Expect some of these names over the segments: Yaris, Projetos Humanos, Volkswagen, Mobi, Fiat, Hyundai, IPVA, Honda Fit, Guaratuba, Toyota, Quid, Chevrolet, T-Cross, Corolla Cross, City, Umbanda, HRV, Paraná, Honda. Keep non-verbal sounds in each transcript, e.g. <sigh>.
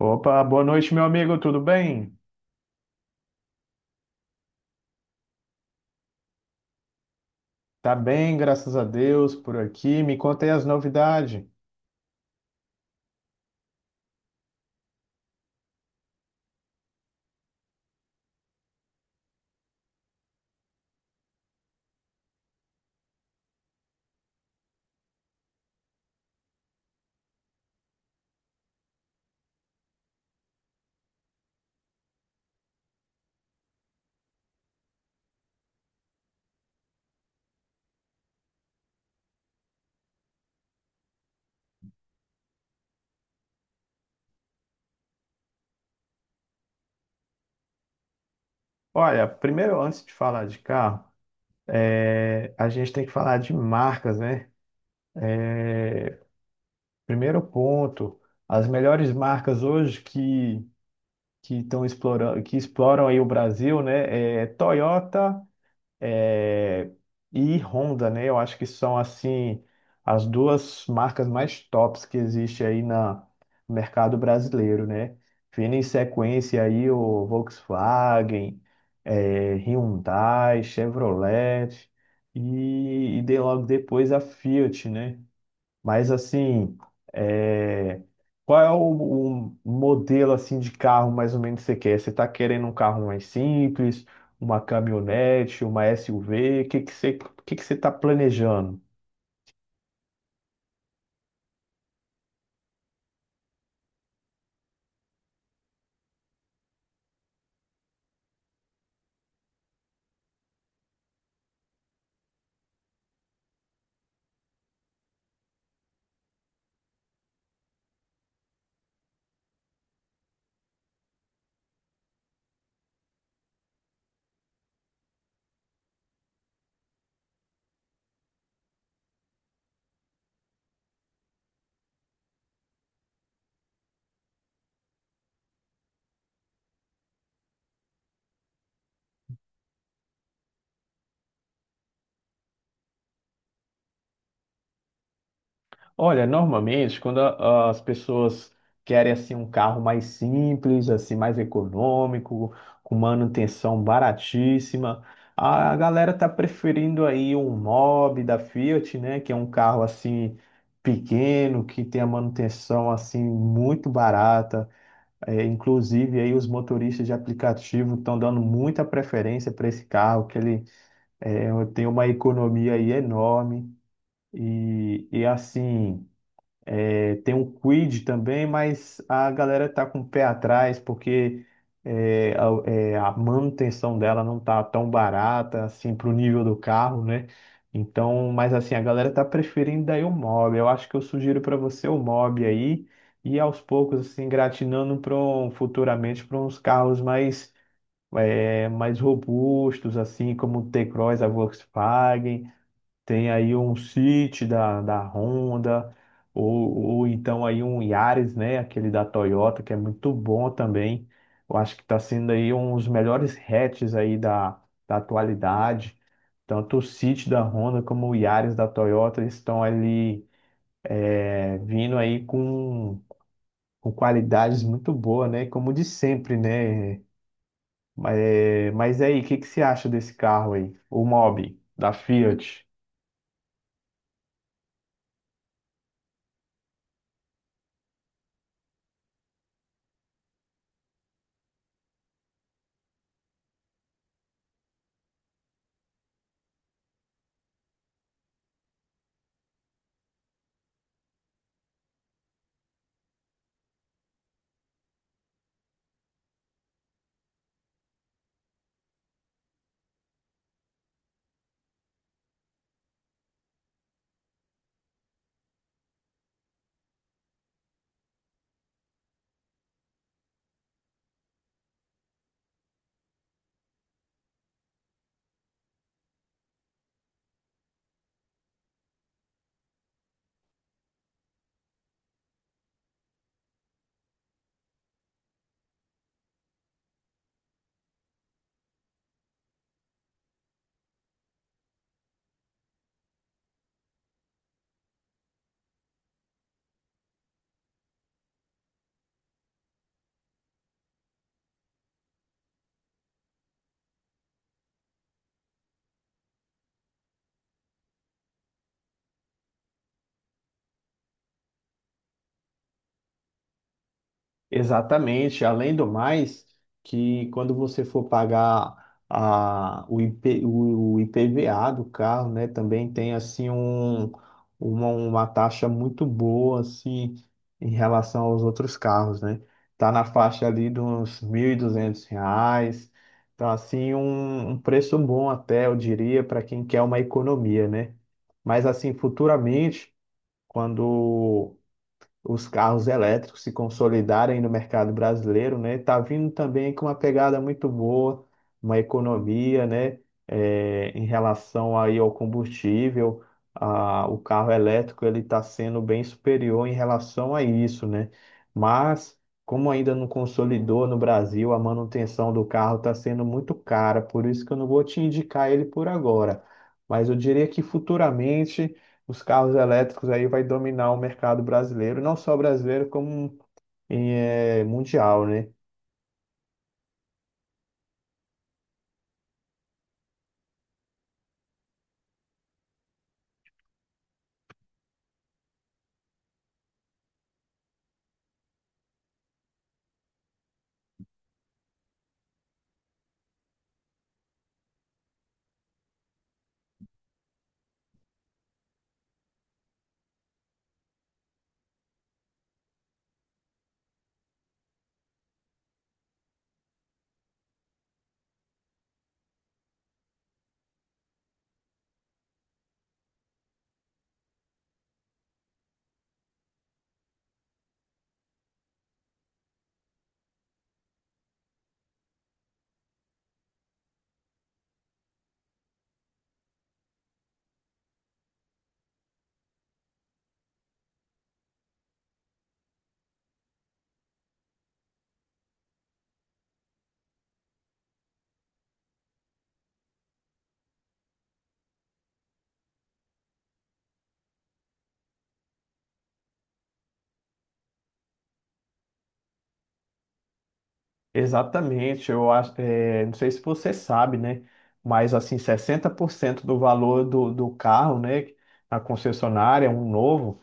Opa, boa noite, meu amigo, tudo bem? Tá bem, graças a Deus, por aqui. Me conta aí as novidades. Olha, primeiro, antes de falar de carro, a gente tem que falar de marcas, né? Primeiro ponto, as melhores marcas hoje que estão explorando, que exploram aí o Brasil, né? É Toyota é, e Honda, né? Eu acho que são assim as duas marcas mais tops que existe aí na no mercado brasileiro, né? Vindo em sequência aí o Volkswagen, é, Hyundai, Chevrolet e logo depois a Fiat, né? Mas assim, é, qual é o modelo assim de carro mais ou menos que você quer? Você está querendo um carro mais simples, uma caminhonete, uma SUV? O que que você está planejando? Olha, normalmente, as pessoas querem assim um carro mais simples, assim mais econômico, com manutenção baratíssima, a galera tá preferindo aí um Mobi da Fiat, né, que é um carro assim pequeno, que tem a manutenção assim muito barata. É, inclusive aí os motoristas de aplicativo estão dando muita preferência para esse carro, que ele é, tem uma economia aí enorme e assim tem um Quid também, mas a galera tá com o pé atrás porque a manutenção dela não tá tão barata assim pro nível do carro, né? Então, mas assim, a galera tá preferindo daí o Mob. Eu acho que eu sugiro para você o Mob aí e aos poucos assim gratinando para futuramente para uns carros mais robustos assim como o T-Cross, a Volkswagen. Tem aí um City da Honda, ou, ou então aí um Yaris, né? Aquele da Toyota, que é muito bom também. Eu acho que está sendo aí um dos melhores hatches aí da atualidade. Tanto o City da Honda como o Yaris da Toyota estão ali vindo aí com qualidades muito boas, né? Como de sempre, né? Mas aí, o que você acha desse carro aí? O Mobi, da Fiat. Exatamente. Além do mais, que quando você for pagar a, o, IP, o, o IPVA do carro, né, também tem assim uma taxa muito boa assim em relação aos outros carros, né? Tá na faixa ali de uns R$ 1.200. Tá assim um preço bom até, eu diria, para quem quer uma economia, né? Mas assim, futuramente, quando os carros elétricos se consolidarem no mercado brasileiro, né? Tá vindo também com uma pegada muito boa, uma economia, né? É, em relação aí ao combustível, o carro elétrico ele está sendo bem superior em relação a isso, né? Mas como ainda não consolidou no Brasil, a manutenção do carro está sendo muito cara, por isso que eu não vou te indicar ele por agora. Mas eu diria que futuramente os carros elétricos aí vai dominar o mercado brasileiro, não só brasileiro, como mundial, né? Exatamente, eu acho, não sei se você sabe, né? Mas assim, 60% do valor do carro, né? Na concessionária, um novo,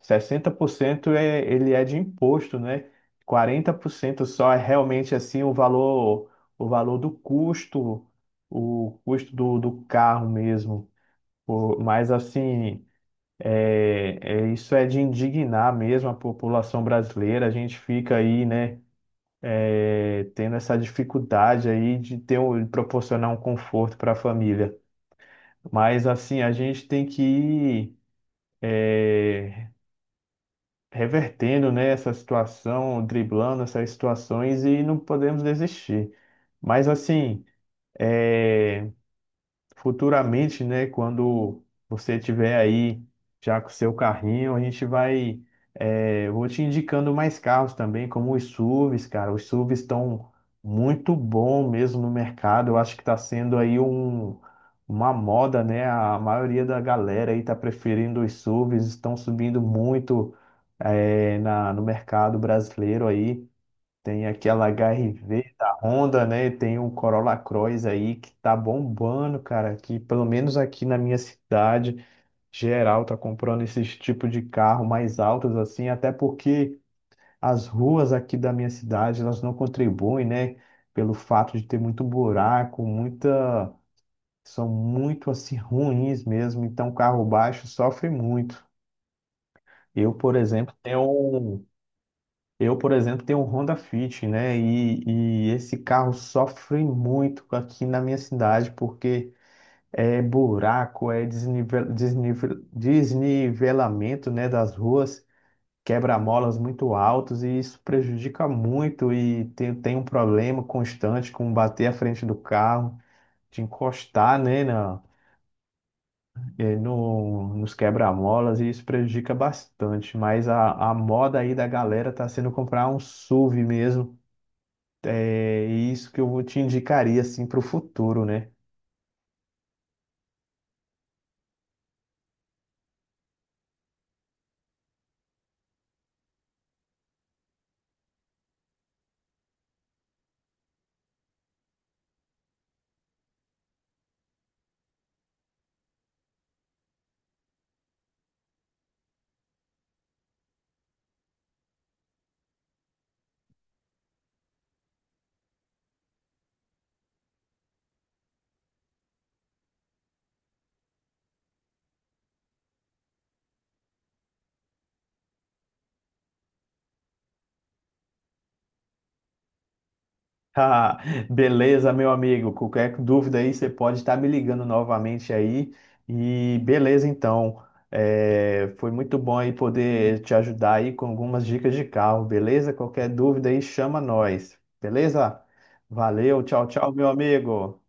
60% ele é de imposto, né? 40% só é realmente assim o valor do custo, o custo do carro mesmo. Pô, mas assim, isso é de indignar mesmo a população brasileira. A gente fica aí, né, é, tendo essa dificuldade aí de ter de proporcionar um conforto para a família. Mas assim, a gente tem que ir é, revertendo, né, essa situação, driblando essas situações e não podemos desistir. Mas assim, é. Futuramente, né, quando você tiver aí já com o seu carrinho, a gente vai, é, vou te indicando mais carros também, como os SUVs, cara. Os SUVs estão muito bom mesmo no mercado. Eu acho que está sendo aí uma moda, né? A maioria da galera aí está preferindo os SUVs, estão subindo muito, no mercado brasileiro aí. Tem aquela HR-V da Honda, né? Tem o Corolla Cross aí que tá bombando, cara. Que pelo menos aqui na minha cidade, geral tá comprando esses tipos de carro mais altos assim, até porque as ruas aqui da minha cidade, elas não contribuem, né? Pelo fato de ter muito buraco, muita... São muito assim ruins mesmo, então carro baixo sofre muito. Eu, por exemplo, tenho um Eu, por exemplo, tenho um Honda Fit, né? E esse carro sofre muito aqui na minha cidade, porque é buraco, é desnivel, desnivelamento, né, das ruas, quebra-molas muito altos, e isso prejudica muito. E tem um problema constante com bater a frente do carro, de encostar, né, na, eh, no, nos quebra-molas, e isso prejudica bastante. Mas a moda aí da galera tá sendo comprar um SUV mesmo. É é isso que eu te indicaria assim para o futuro, né? <laughs> Ah, beleza, meu amigo. Qualquer dúvida aí, você pode estar me ligando novamente aí. E beleza, então. É, foi muito bom aí poder te ajudar aí com algumas dicas de carro, beleza? Qualquer dúvida aí, chama nós, beleza? Valeu, tchau, tchau, meu amigo.